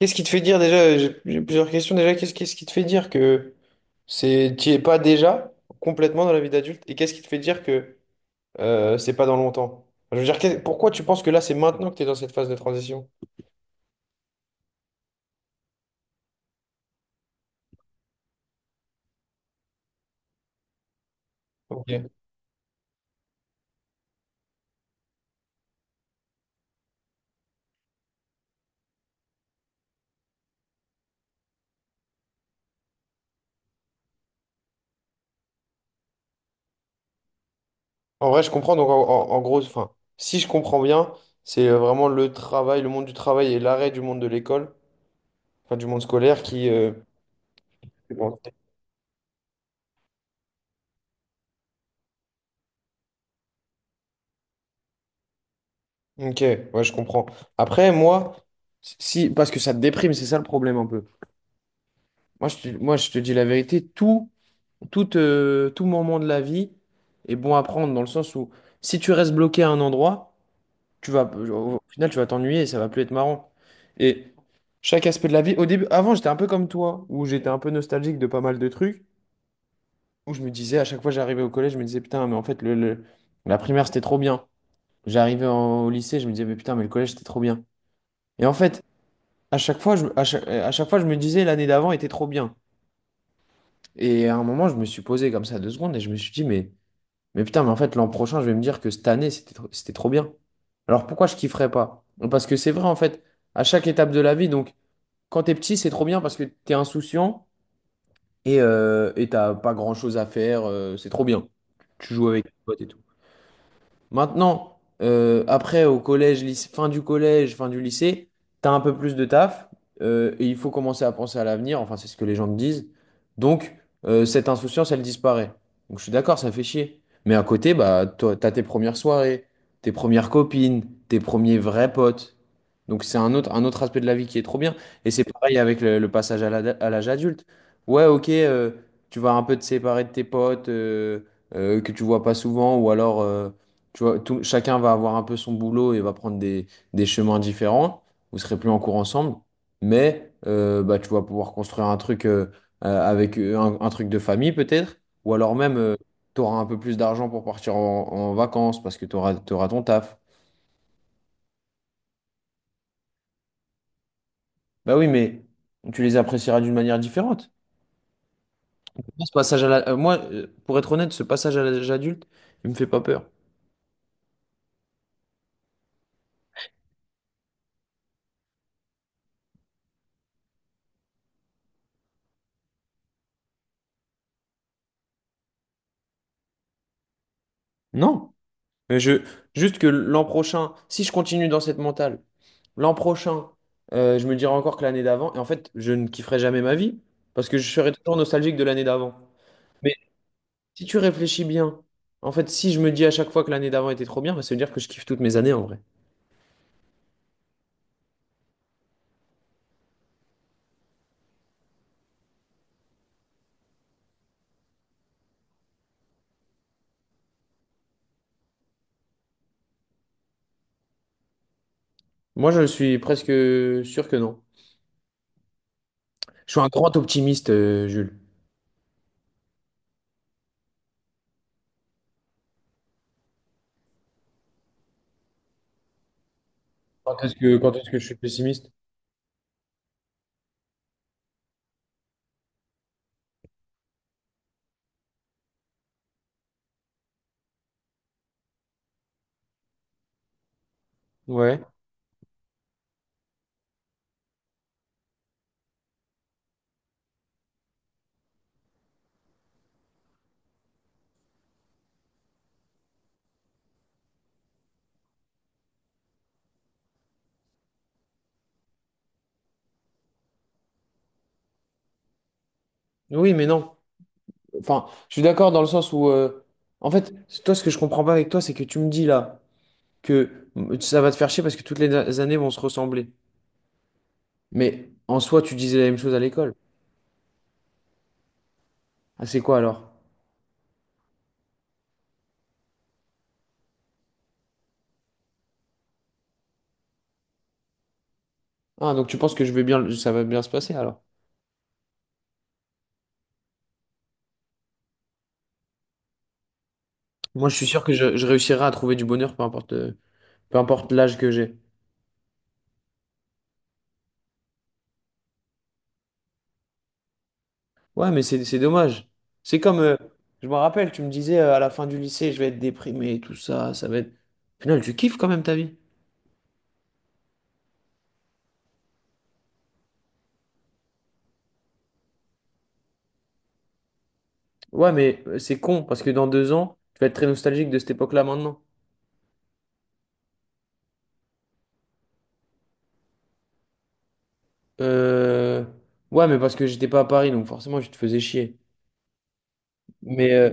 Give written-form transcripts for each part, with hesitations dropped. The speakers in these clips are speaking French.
Qu'est-ce qui te fait dire déjà, j'ai plusieurs questions déjà, qu'est-ce qui te fait dire que c'est tu y es pas déjà complètement dans la vie d'adulte et qu'est-ce qui te fait dire que c'est pas dans longtemps? Enfin, je veux dire, pourquoi tu penses que là c'est maintenant que tu es dans cette phase de transition? Ok. En vrai, je comprends donc en gros, enfin, si je comprends bien, c'est vraiment le travail, le monde du travail et l'arrêt du monde de l'école, enfin du monde scolaire qui bon. Ok, ouais, je comprends. Après, moi, si, parce que ça te déprime, c'est ça le problème un peu. Moi, je te dis la vérité, tout moment de la vie est bon à prendre dans le sens où si tu restes bloqué à un endroit, tu vas, au final, tu vas t'ennuyer et ça va plus être marrant. Et chaque aspect de la vie, au début, avant, j'étais un peu comme toi, où j'étais un peu nostalgique de pas mal de trucs, où je me disais, à chaque fois j'arrivais au collège, je me disais, putain, mais en fait, la primaire, c'était trop bien. J'arrivais au lycée, je me disais, mais putain, mais le collège, c'était trop bien. Et en fait, à chaque fois, à chaque fois, je me disais, l'année d'avant était trop bien. Et à un moment, je me suis posé comme ça 2 secondes et je me suis dit, mais. Mais putain, mais en fait, l'an prochain, je vais me dire que cette année, c'était trop bien. Alors pourquoi je kifferais pas? Parce que c'est vrai, en fait, à chaque étape de la vie, donc quand t'es petit, c'est trop bien parce que t'es insouciant et t'as pas grand-chose à faire, c'est trop bien. Tu joues avec tes potes et tout. Maintenant, après, au collège, fin du collège, fin du lycée, t'as un peu plus de taf et il faut commencer à penser à l'avenir. Enfin, c'est ce que les gens me disent. Donc, cette insouciance, elle disparaît. Donc, je suis d'accord, ça fait chier. Mais à côté, bah, toi, t'as tes premières soirées, tes premières copines, tes premiers vrais potes. Donc, c'est un autre aspect de la vie qui est trop bien. Et c'est pareil avec le passage à l'âge adulte. Ouais, ok, tu vas un peu te séparer de tes potes que tu vois pas souvent ou alors tu vois, chacun va avoir un peu son boulot et va prendre des chemins différents. Vous serez plus en cours ensemble, mais bah, tu vas pouvoir construire un truc avec un truc de famille peut-être, ou alors même tu auras un peu plus d'argent pour partir en vacances parce que tu auras ton taf. Bah oui, mais tu les apprécieras d'une manière différente. Ce passage à la- moi, pour être honnête, ce passage à l'âge adulte, il me fait pas peur. Non. Mais je, juste que l'an prochain, si je continue dans cette mentale, l'an prochain, je me dirai encore que l'année d'avant, et en fait, je ne kifferai jamais ma vie, parce que je serai toujours nostalgique de l'année d'avant. Mais si tu réfléchis bien, en fait, si je me dis à chaque fois que l'année d'avant était trop bien, bah, ça veut dire que je kiffe toutes mes années en vrai. Moi, je suis presque sûr que non. Je suis un grand optimiste, Jules. Quand est-ce que je suis pessimiste? Ouais. Oui, mais non. Enfin, je suis d'accord dans le sens où, en fait, toi, ce que je comprends pas avec toi, c'est que tu me dis là, que ça va te faire chier parce que toutes les années vont se ressembler. Mais en soi, tu disais la même chose à l'école. Ah, c'est quoi alors? Ah, donc tu penses que je vais bien, ça va bien se passer alors? Moi, je suis sûr que je réussirai à trouver du bonheur, peu importe l'âge que j'ai. Ouais, c'est dommage. C'est comme, je me rappelle, tu me disais à la fin du lycée, je vais être déprimé, tout ça, ça va être. Au final, tu kiffes quand même ta vie. Ouais, mais c'est con parce que dans 2 ans, tu vas être très nostalgique de cette époque-là maintenant. Euh... Ouais, mais parce que j'étais pas à Paris, donc forcément, je te faisais chier. Mais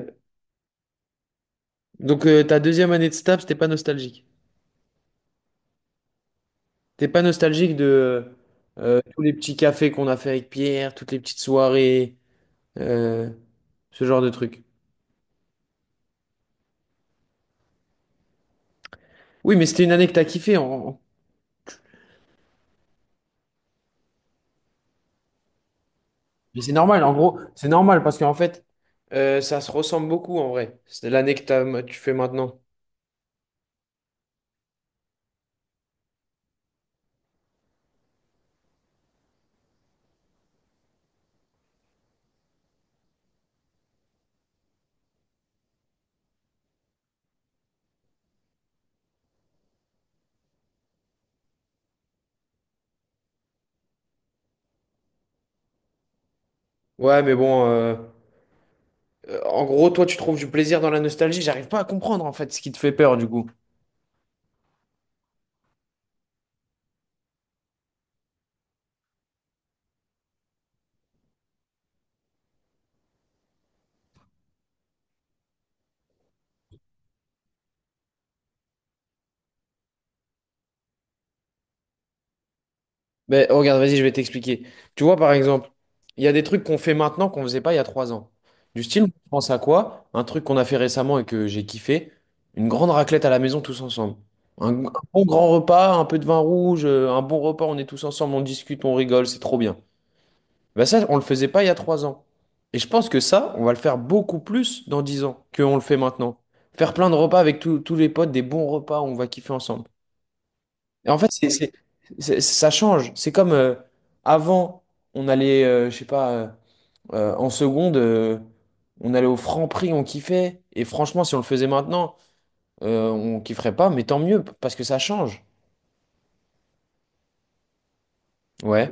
donc ta deuxième année de STAPS, t'es pas nostalgique. T'es pas nostalgique de tous les petits cafés qu'on a fait avec Pierre, toutes les petites soirées, euh, ce genre de trucs. Oui, mais c'était une année que t'as kiffé. En... Mais c'est normal, en gros, c'est normal parce qu'en fait, ça se ressemble beaucoup en vrai. C'est l'année que tu fais maintenant. Ouais, mais bon, en gros, toi, tu trouves du plaisir dans la nostalgie. J'arrive pas à comprendre en fait ce qui te fait peur du coup. Ben, oh, regarde, vas-y, je vais t'expliquer. Tu vois, par exemple, il y a des trucs qu'on fait maintenant qu'on ne faisait pas il y a 3 ans. Du style, je pense à quoi? Un truc qu'on a fait récemment et que j'ai kiffé, une grande raclette à la maison tous ensemble. Un bon grand repas, un peu de vin rouge, un bon repas, on est tous ensemble, on discute, on rigole, c'est trop bien. Ben ça, on ne le faisait pas il y a trois ans. Et je pense que ça, on va le faire beaucoup plus dans 10 ans qu'on le fait maintenant. Faire plein de repas avec tous les potes, des bons repas, on va kiffer ensemble. Et en fait, ça change. C'est comme avant, on allait, je sais pas, en seconde, on allait au Franprix, on kiffait. Et franchement, si on le faisait maintenant, on kifferait pas, mais tant mieux, parce que ça change. Ouais,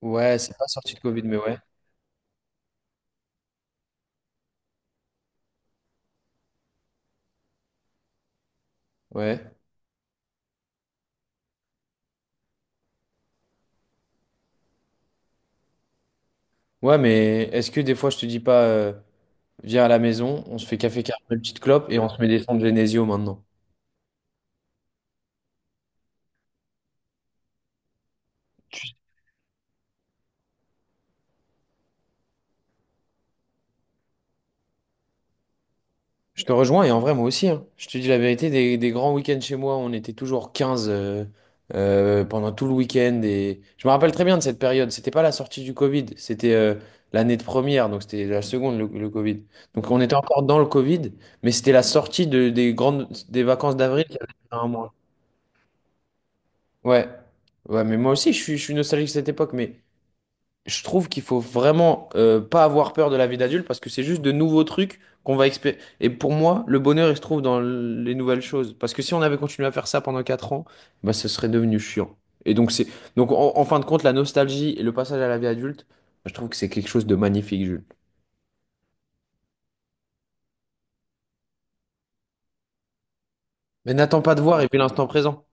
ouais, c'est pas sorti de Covid, mais ouais, ouais. Ouais, mais est-ce que des fois, je te dis pas, viens à la maison, on se fait café caramel, petite clope, et on se met des sons de Genesio maintenant? Je te rejoins et en vrai moi aussi, hein. Je te dis la vérité, des grands week-ends chez moi, on était toujours 15 pendant tout le week-end. Et... Je me rappelle très bien de cette période. C'était pas la sortie du Covid, c'était l'année de première, donc c'était la seconde, le Covid. Donc on était encore dans le Covid, mais c'était la sortie de, des grandes des vacances d'avril qui avaient un mois. Ouais. Ouais, mais moi aussi je suis nostalgique de cette époque, mais je trouve qu'il faut vraiment pas avoir peur de la vie d'adulte parce que c'est juste de nouveaux trucs qu'on va expérimenter. Et pour moi, le bonheur, il se trouve dans les nouvelles choses. Parce que si on avait continué à faire ça pendant 4 ans, bah, ce serait devenu chiant. Et donc, en fin de compte, la nostalgie et le passage à la vie adulte, bah, je trouve que c'est quelque chose de magnifique, Jules. Mais n'attends pas de voir et puis l'instant présent.